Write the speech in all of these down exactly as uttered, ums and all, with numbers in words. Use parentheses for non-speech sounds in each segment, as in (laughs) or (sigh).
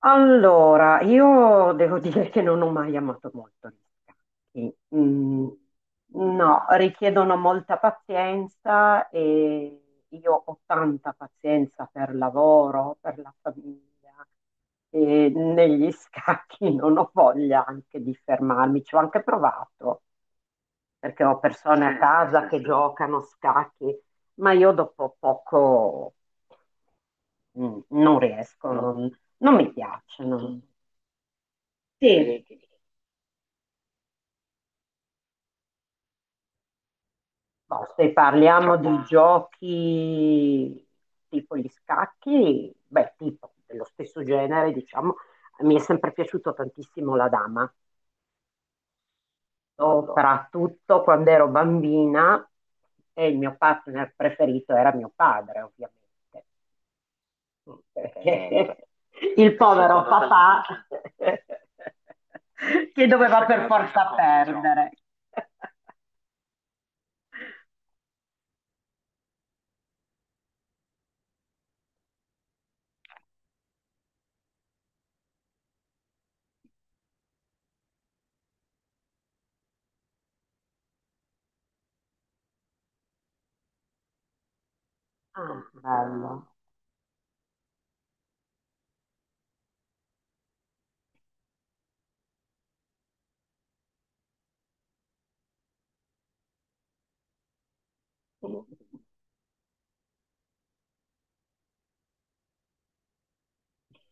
Allora, io devo (laughs) dire che non ho mai amato molto gli scacchi. Mm. No, richiedono molta pazienza e io ho tanta pazienza per lavoro, per la famiglia e negli (laughs) scacchi non ho voglia anche di fermarmi. Ci ho anche provato perché ho persone a casa che giocano a scacchi, ma io dopo poco mm, non riesco, non, non mi piacciono. Sì. Boh, se parliamo di giochi tipo gli scacchi, beh, tipo dello stesso genere, diciamo, mi è sempre piaciuto tantissimo la dama, soprattutto quando ero bambina e il mio partner preferito era mio padre, ovviamente, eh, perché (laughs) il ci povero sono tanti, papà (laughs) che ci doveva per sono tanti forza giochi, perdere. Ah, eh, bello.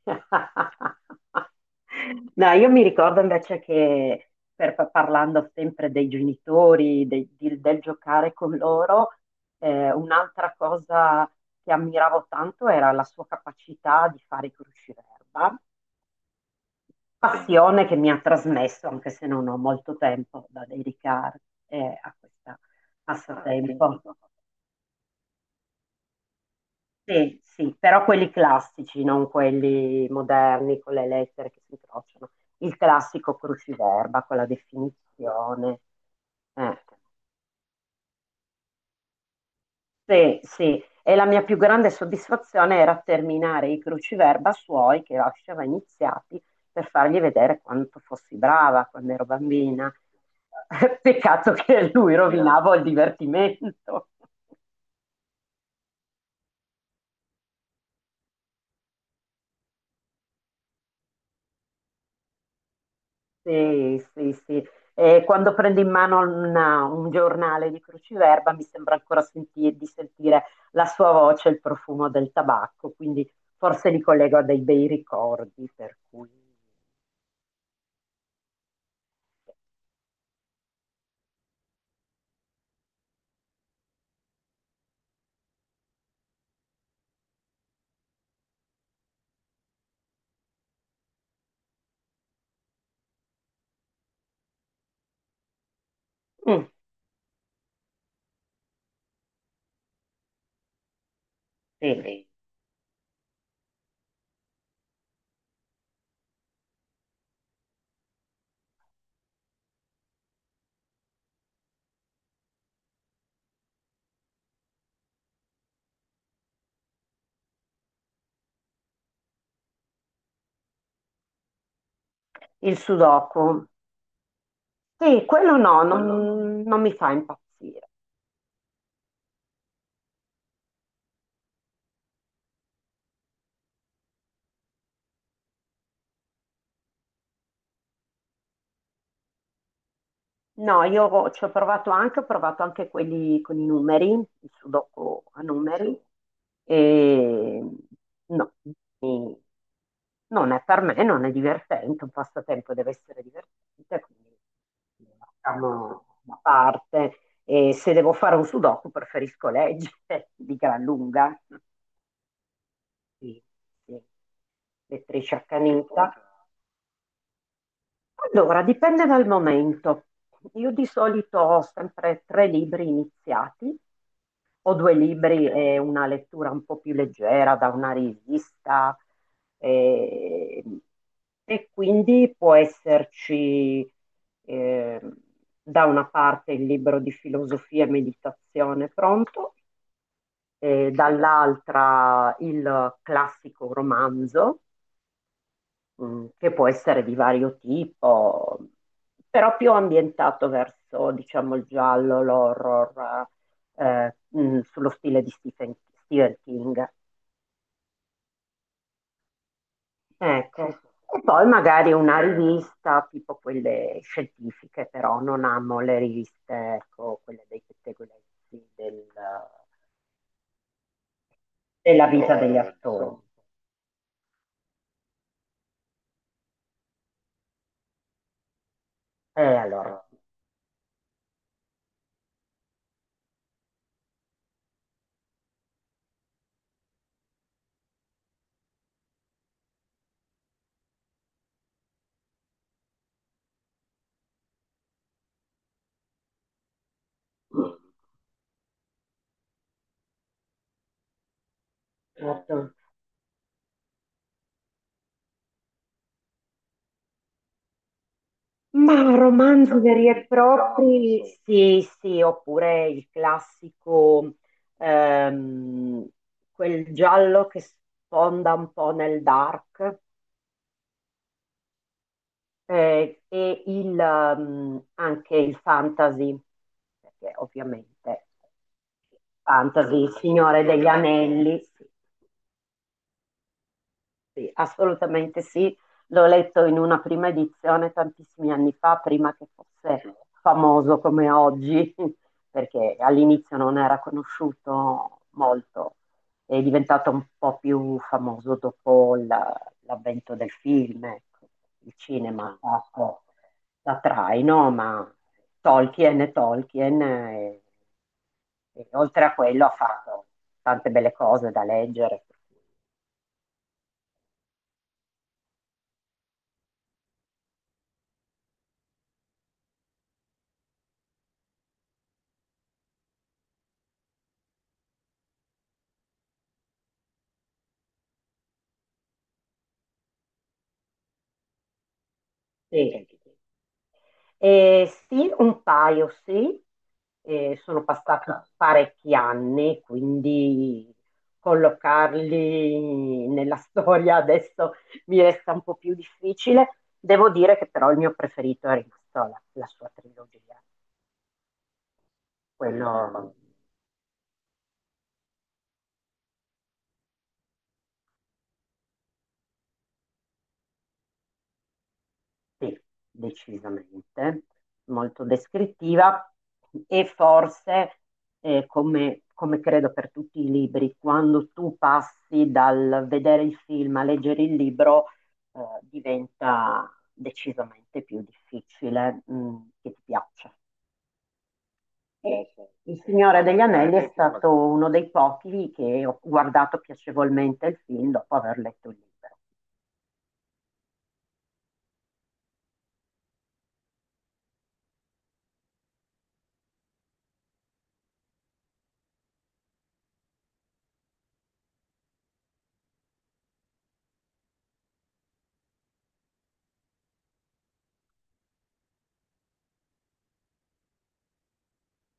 (laughs) No, io mi ricordo invece che per- parlando sempre dei genitori, dei- di- del giocare con loro, eh, un'altra cosa che ammiravo tanto era la sua capacità di fare i crusciverba. Sì, passione che mi ha trasmesso, anche se non ho molto tempo da dedicare eh, a questo ah, sì, passatempo. Sì, sì, però quelli classici, non quelli moderni con le lettere che si incrociano. Il classico cruciverba con la definizione. Eh, Sì, sì. E la mia più grande soddisfazione era terminare i cruciverba suoi che lasciava iniziati per fargli vedere quanto fossi brava quando ero bambina. (laughs) Peccato che lui rovinava il divertimento. Sì, sì, sì. E quando prendo in mano una- un giornale di cruciverba mi sembra ancora senti- di sentire la sua voce e il profumo del tabacco, quindi forse li collego a dei bei ricordi, per cui... Mm, sì. Il sudoku. Sì, quello no, non, non mi fa impazzire. No, io ho- ci ho provato anche, ho provato anche quelli con i numeri, il sudoku a numeri, e no, mi- non è per me, non è divertente. Un passatempo deve essere divertente, quindi lo lasciamo da parte. E se devo fare un sudoku preferisco leggere (laughs) di gran lunga, sì, sì. Lettrice accanita. Allora, dipende dal momento. Io di solito ho sempre tre libri iniziati, o due libri e una lettura un po' più leggera da una rivista, e, e quindi può esserci eh, da una parte il libro di filosofia e meditazione pronto, e dall'altra il classico romanzo mh, che può essere di vario tipo, però più ambientato verso, diciamo, il giallo, l'horror, eh, mh, sullo stile di Stephen, Stephen King. Ecco. E poi magari una rivista tipo quelle scientifiche, però non amo le riviste, ecco, quelle dei pettegolezzi del- della vita degli, no, attori, insomma. E allora, eh, eh, ma romanzo veri e propri, sì, sì, oppure il classico, ehm, quel giallo che sfonda un po' nel dark, eh, e il, ehm, anche il fantasy, perché ovviamente fantasy, il Signore degli Anelli, sì. Sì, assolutamente sì, l'ho letto in una prima edizione tantissimi anni fa, prima che fosse famoso come oggi, (laughs) perché all'inizio non era conosciuto molto, è diventato un po' più famoso dopo la- l'avvento del film, ecco. Il cinema, mm, ha fatto da traino, ma Tolkien è Tolkien, e, e oltre a quello ha fatto tante belle cose da leggere. Sì. Eh, sì, un paio, sì. Eh, sono passati parecchi anni, quindi collocarli nella storia adesso mi resta un po' più difficile. Devo dire che però il mio preferito è rimasto la, la sua trilogia. Quello sì, decisamente, molto descrittiva e forse, eh, come, come credo per tutti i libri, quando tu passi dal vedere il film a leggere il libro, eh, diventa decisamente più difficile, mh, che ti piaccia. Eh, sì, il sì, Signore degli Anelli assolutamente è il film. Stato uno dei pochi che ho guardato piacevolmente il film dopo aver letto il libro.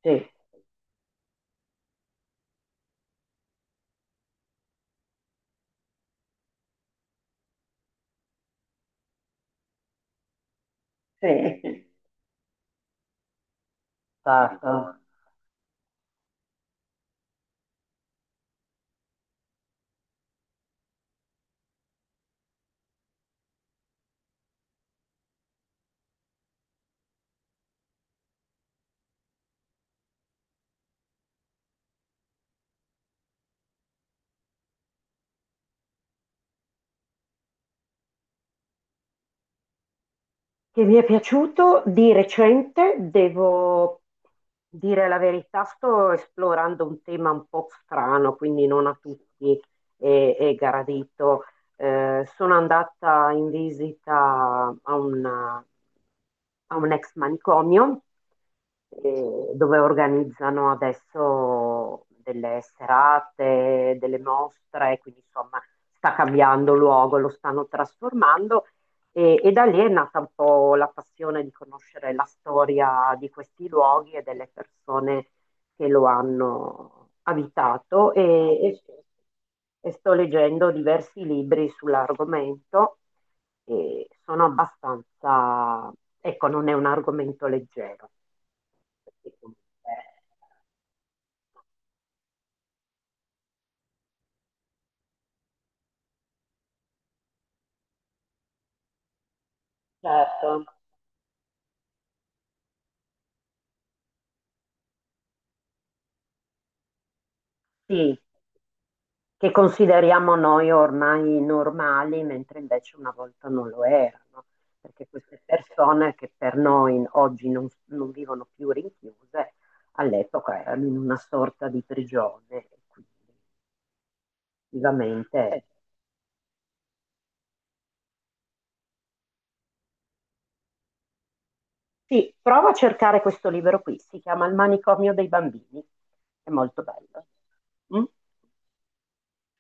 Sì, sì, sì, è ti dico, stato. Che mi è piaciuto di recente, devo dire la verità, sto esplorando un tema un po' strano, quindi non a tutti è, è gradito. Eh, sono andata in visita a una- a un ex manicomio eh, dove organizzano adesso delle serate, delle mostre, quindi insomma sta cambiando luogo, lo stanno trasformando e, e da lì è nata un po' la passione di conoscere la storia di questi luoghi e delle persone che lo hanno abitato e, e- e sto leggendo diversi libri sull'argomento, e sono abbastanza, ecco, non è un argomento leggero. Perché comunque... Certo. Sì, che consideriamo noi ormai normali, mentre invece una volta non lo erano, perché queste persone che per noi oggi non, non vivono più rinchiuse, all'epoca erano in una sorta di prigione. E quindi, effettivamente, sì, prova a cercare questo libro qui, si chiama Il manicomio dei bambini, è molto bello. Mm?